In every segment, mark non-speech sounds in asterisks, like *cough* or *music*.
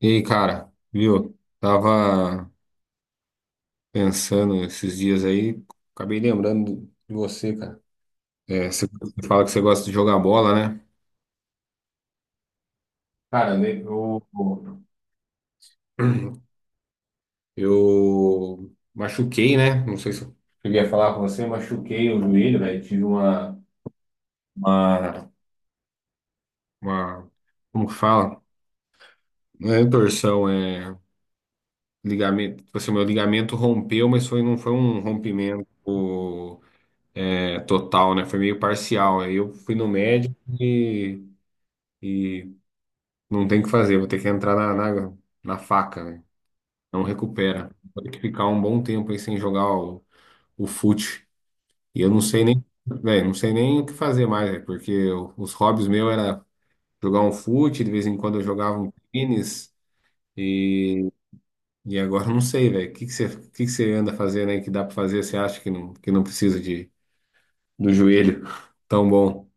E aí, cara, viu? Tava pensando esses dias aí, acabei lembrando de você, cara. É, você fala que você gosta de jogar bola, né? Cara, né, *clears throat* eu machuquei, né? Não sei se eu cheguei a falar com você, machuquei o joelho, velho. Tive uma, uma, como que fala? Não é torção, é ligamento. Tipo assim, meu ligamento rompeu, mas foi, não foi um rompimento. É total, né? Foi meio parcial. Aí eu fui no médico e, e não tem o que fazer, vou ter que entrar na faca, né? Não recupera. Vou ter que ficar um bom tempo aí sem jogar o fute. E eu não sei nem, velho, não sei nem o que fazer mais, né? Porque os hobbies meus era jogar um fute, de vez em quando eu jogava um tênis e, e agora eu não sei, velho. O que que você anda fazendo aí que dá pra fazer? Você acha que não precisa do joelho *laughs* tão bom?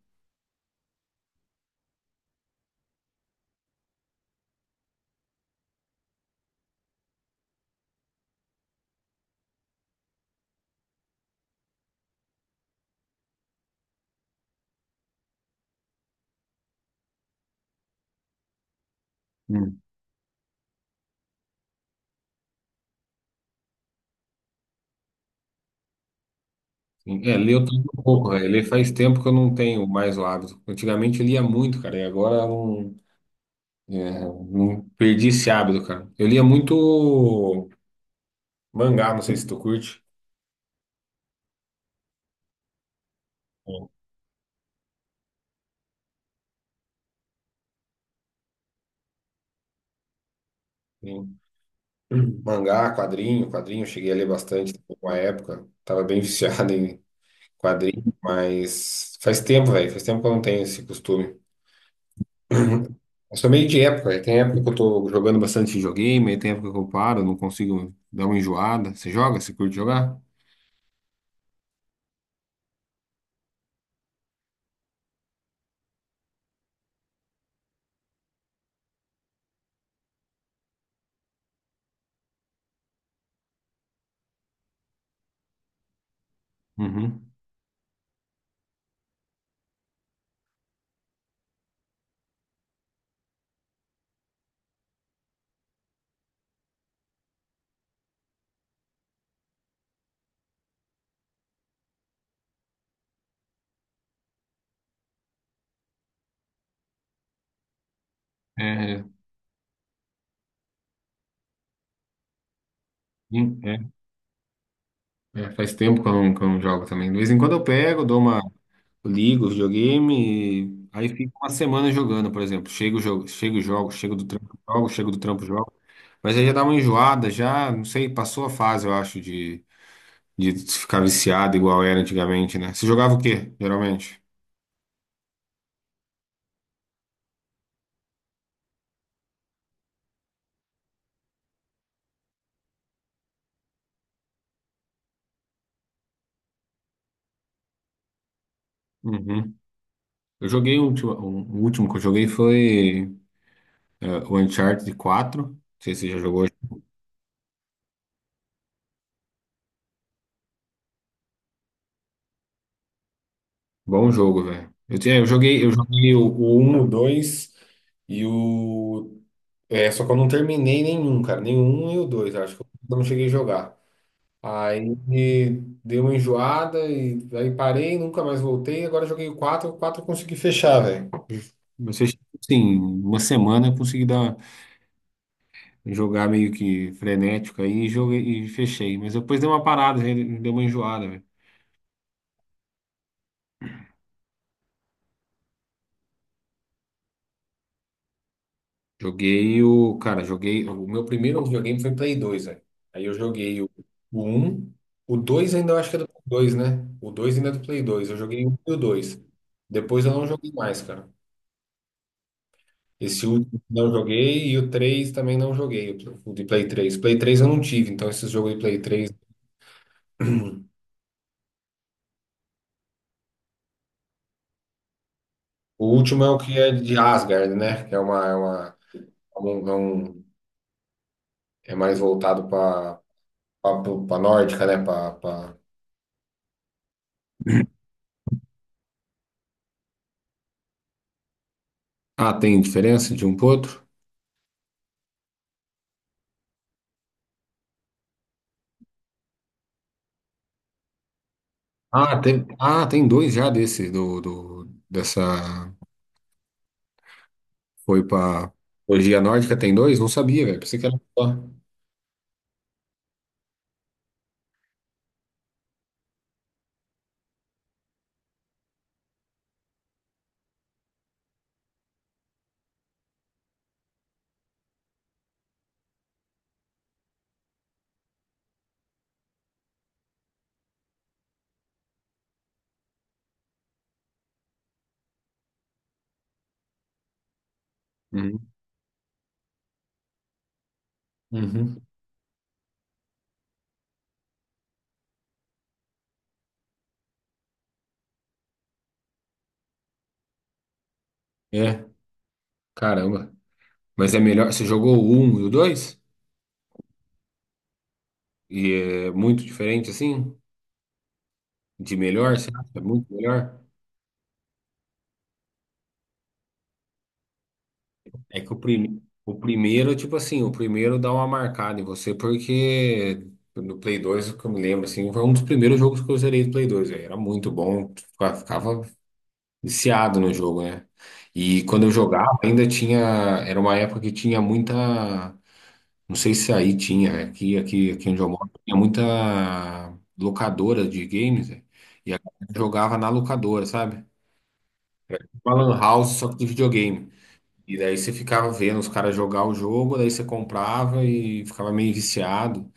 É, ler eu tô um pouco, velho. Ler faz tempo que eu não tenho mais o hábito. Antigamente eu lia muito, cara, e agora eu não, é, não perdi esse hábito, cara. Eu lia muito mangá, não sei se tu curte. Sim. Mangá, quadrinho, quadrinho, eu cheguei a ler bastante uma época. Tava bem *laughs* viciado em quadrinho, mas faz tempo, velho. Faz tempo que eu não tenho esse costume. Eu sou meio de época, velho. Tem época que eu tô jogando bastante videogame, aí tem época que eu paro, não consigo dar uma enjoada. Você joga? Você curte jogar? Uhum. É, sim, faz tempo que eu não jogo também. De vez em quando eu pego, dou uma, ligo o videogame, aí fico uma semana jogando, por exemplo. Chego, jogo, chego, jogo, chego do trampo, jogo, chego do trampo, jogo. Mas aí já dá uma enjoada, já, não sei, passou a fase, eu acho, de ficar viciado igual era antigamente, né? Você jogava o quê, geralmente? Uhum. Eu joguei o último que eu joguei foi o Uncharted 4. Não sei se você já jogou. Bom jogo, velho. Eu joguei o 1, o 2 e o. É, só que eu não terminei nenhum, cara. Nenhum e o 2 acho que eu não cheguei a jogar. Aí dei uma enjoada e aí parei, nunca mais voltei. Agora joguei o 4 eu consegui fechar, velho. Eu fechei, sim, uma semana eu consegui dar, jogar meio que frenético aí e joguei e fechei. Mas depois deu uma parada, né? Deu uma enjoada, velho. Joguei o. Cara, joguei. O meu primeiro videogame foi Play 2, velho. Aí eu joguei o 1. O 2 ainda eu acho que é do Play 2, né? O 2 ainda é do Play 2. Eu joguei o 1 e o 2. Depois eu não joguei mais, cara. Esse último não joguei e o 3 também não joguei, o de Play 3, Play 3 eu não tive, então esses jogos de Play 3. *clears throat* O último é o que é de Asgard, né? Que é uma. É um, é um- É mais voltado para nórdica, né? Para. Ah, tem diferença de um pro outro? Ah, tem, tem dois já desse, dessa, foi pra mitologia nórdica, tem dois? Não sabia, velho, pensei que era só. Uhum. Uhum. É, caramba. Mas é melhor, você jogou o um e o dois? E é muito diferente, assim? De melhor, você acha? É muito melhor? É que o primeiro, tipo assim, o primeiro dá uma marcada em você, porque no Play 2 o que eu me lembro, assim, foi um dos primeiros jogos que eu zerei do Play 2, velho, era muito bom, ficava viciado no jogo, né? E quando eu jogava, ainda tinha. Era uma época que tinha muita. Não sei se aí tinha, né? Aqui onde eu moro, tinha muita locadora de games, né? E a galera jogava na locadora, sabe? Uma lan house, só que de videogame. E daí você ficava vendo os caras jogar o jogo, daí você comprava e ficava meio viciado.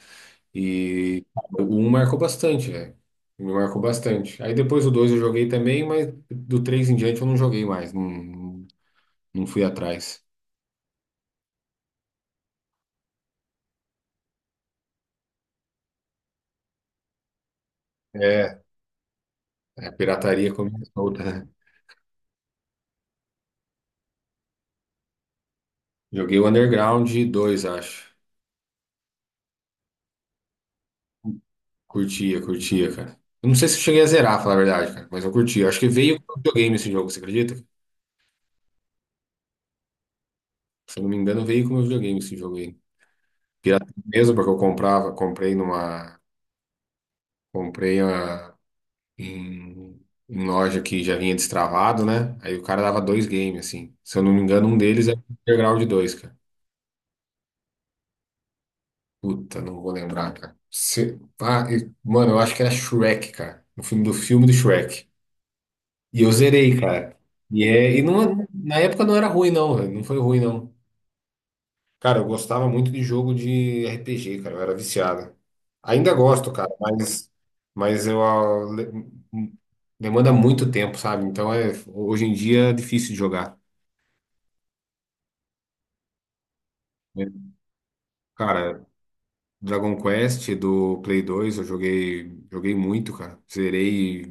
E o um marcou bastante, velho. Me marcou bastante. Aí depois o dois eu joguei também, mas do três em diante eu não joguei mais. Não, não fui atrás. É, a pirataria começou solta, né? Joguei o Underground dois, acho. Curtia, curtia, cara. Eu não sei se eu cheguei a zerar, falar a verdade, cara, mas eu curtia. Acho que veio com o videogame esse jogo, você acredita? Se eu não me engano, veio com o videogame esse jogo aí. Pirata mesmo, porque eu comprava, comprei numa. Comprei uma, em, em loja que já vinha destravado, né? Aí o cara dava dois games, assim. Se eu não me engano, um deles é o Underground dois, cara. Puta, não vou lembrar, cara. Ah, mano, eu acho que era Shrek, cara. No filme, do filme do Shrek. E eu zerei, cara. E, é, e não, na época não era ruim, não, velho. Não foi ruim, não. Cara, eu gostava muito de jogo de RPG, cara. Eu era viciado. Ainda gosto, cara, mas hum, demanda muito tempo, sabe? Então é, hoje em dia é difícil de jogar, né? Cara, Dragon Quest do Play 2, eu joguei, joguei muito, cara. Zerei,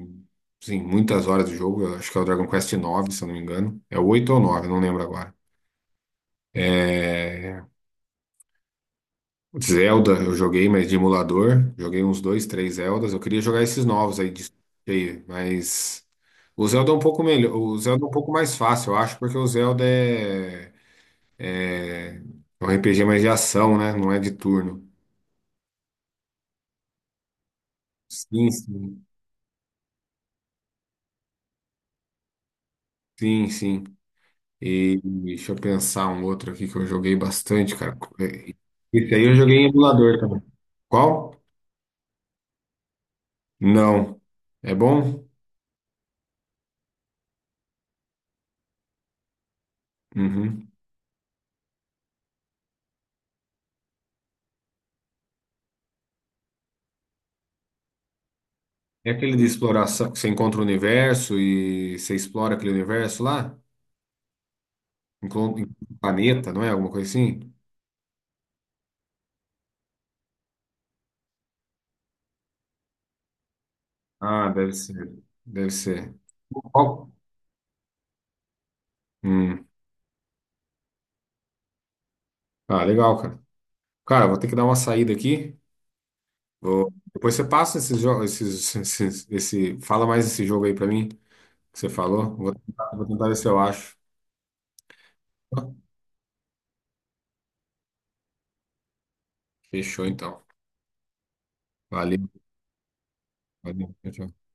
sim, muitas horas de jogo. Eu acho que é o Dragon Quest 9, se eu não me engano. É o 8 ou 9, não lembro agora. Zelda eu joguei, mas de emulador. Joguei uns dois, três Zeldas. Eu queria jogar esses novos aí de cheio, mas o Zelda é um pouco melhor, o Zelda é um pouco mais fácil, eu acho, porque o Zelda é um RPG mais de ação, né? Não é de turno. Sim, sim. Sim, sim. E deixa eu pensar um outro aqui que eu joguei bastante, cara. É. Esse aí eu joguei em emulador também. Qual? Não. É bom? Uhum. É aquele de exploração que você encontra o universo e você explora aquele universo lá? Encontra um planeta, não é? Alguma coisa assim? Ah, deve ser. Deve ser. Qual? Hum. Ah, legal, cara. Cara, vou ter que dar uma saída aqui. Vou. Depois você passa esses jogos, esses, *laughs* esse, fala mais esse jogo aí pra mim que você falou. Vou tentar ver se eu acho. Fechou, então. Valeu. Valeu. Tchau, tchau.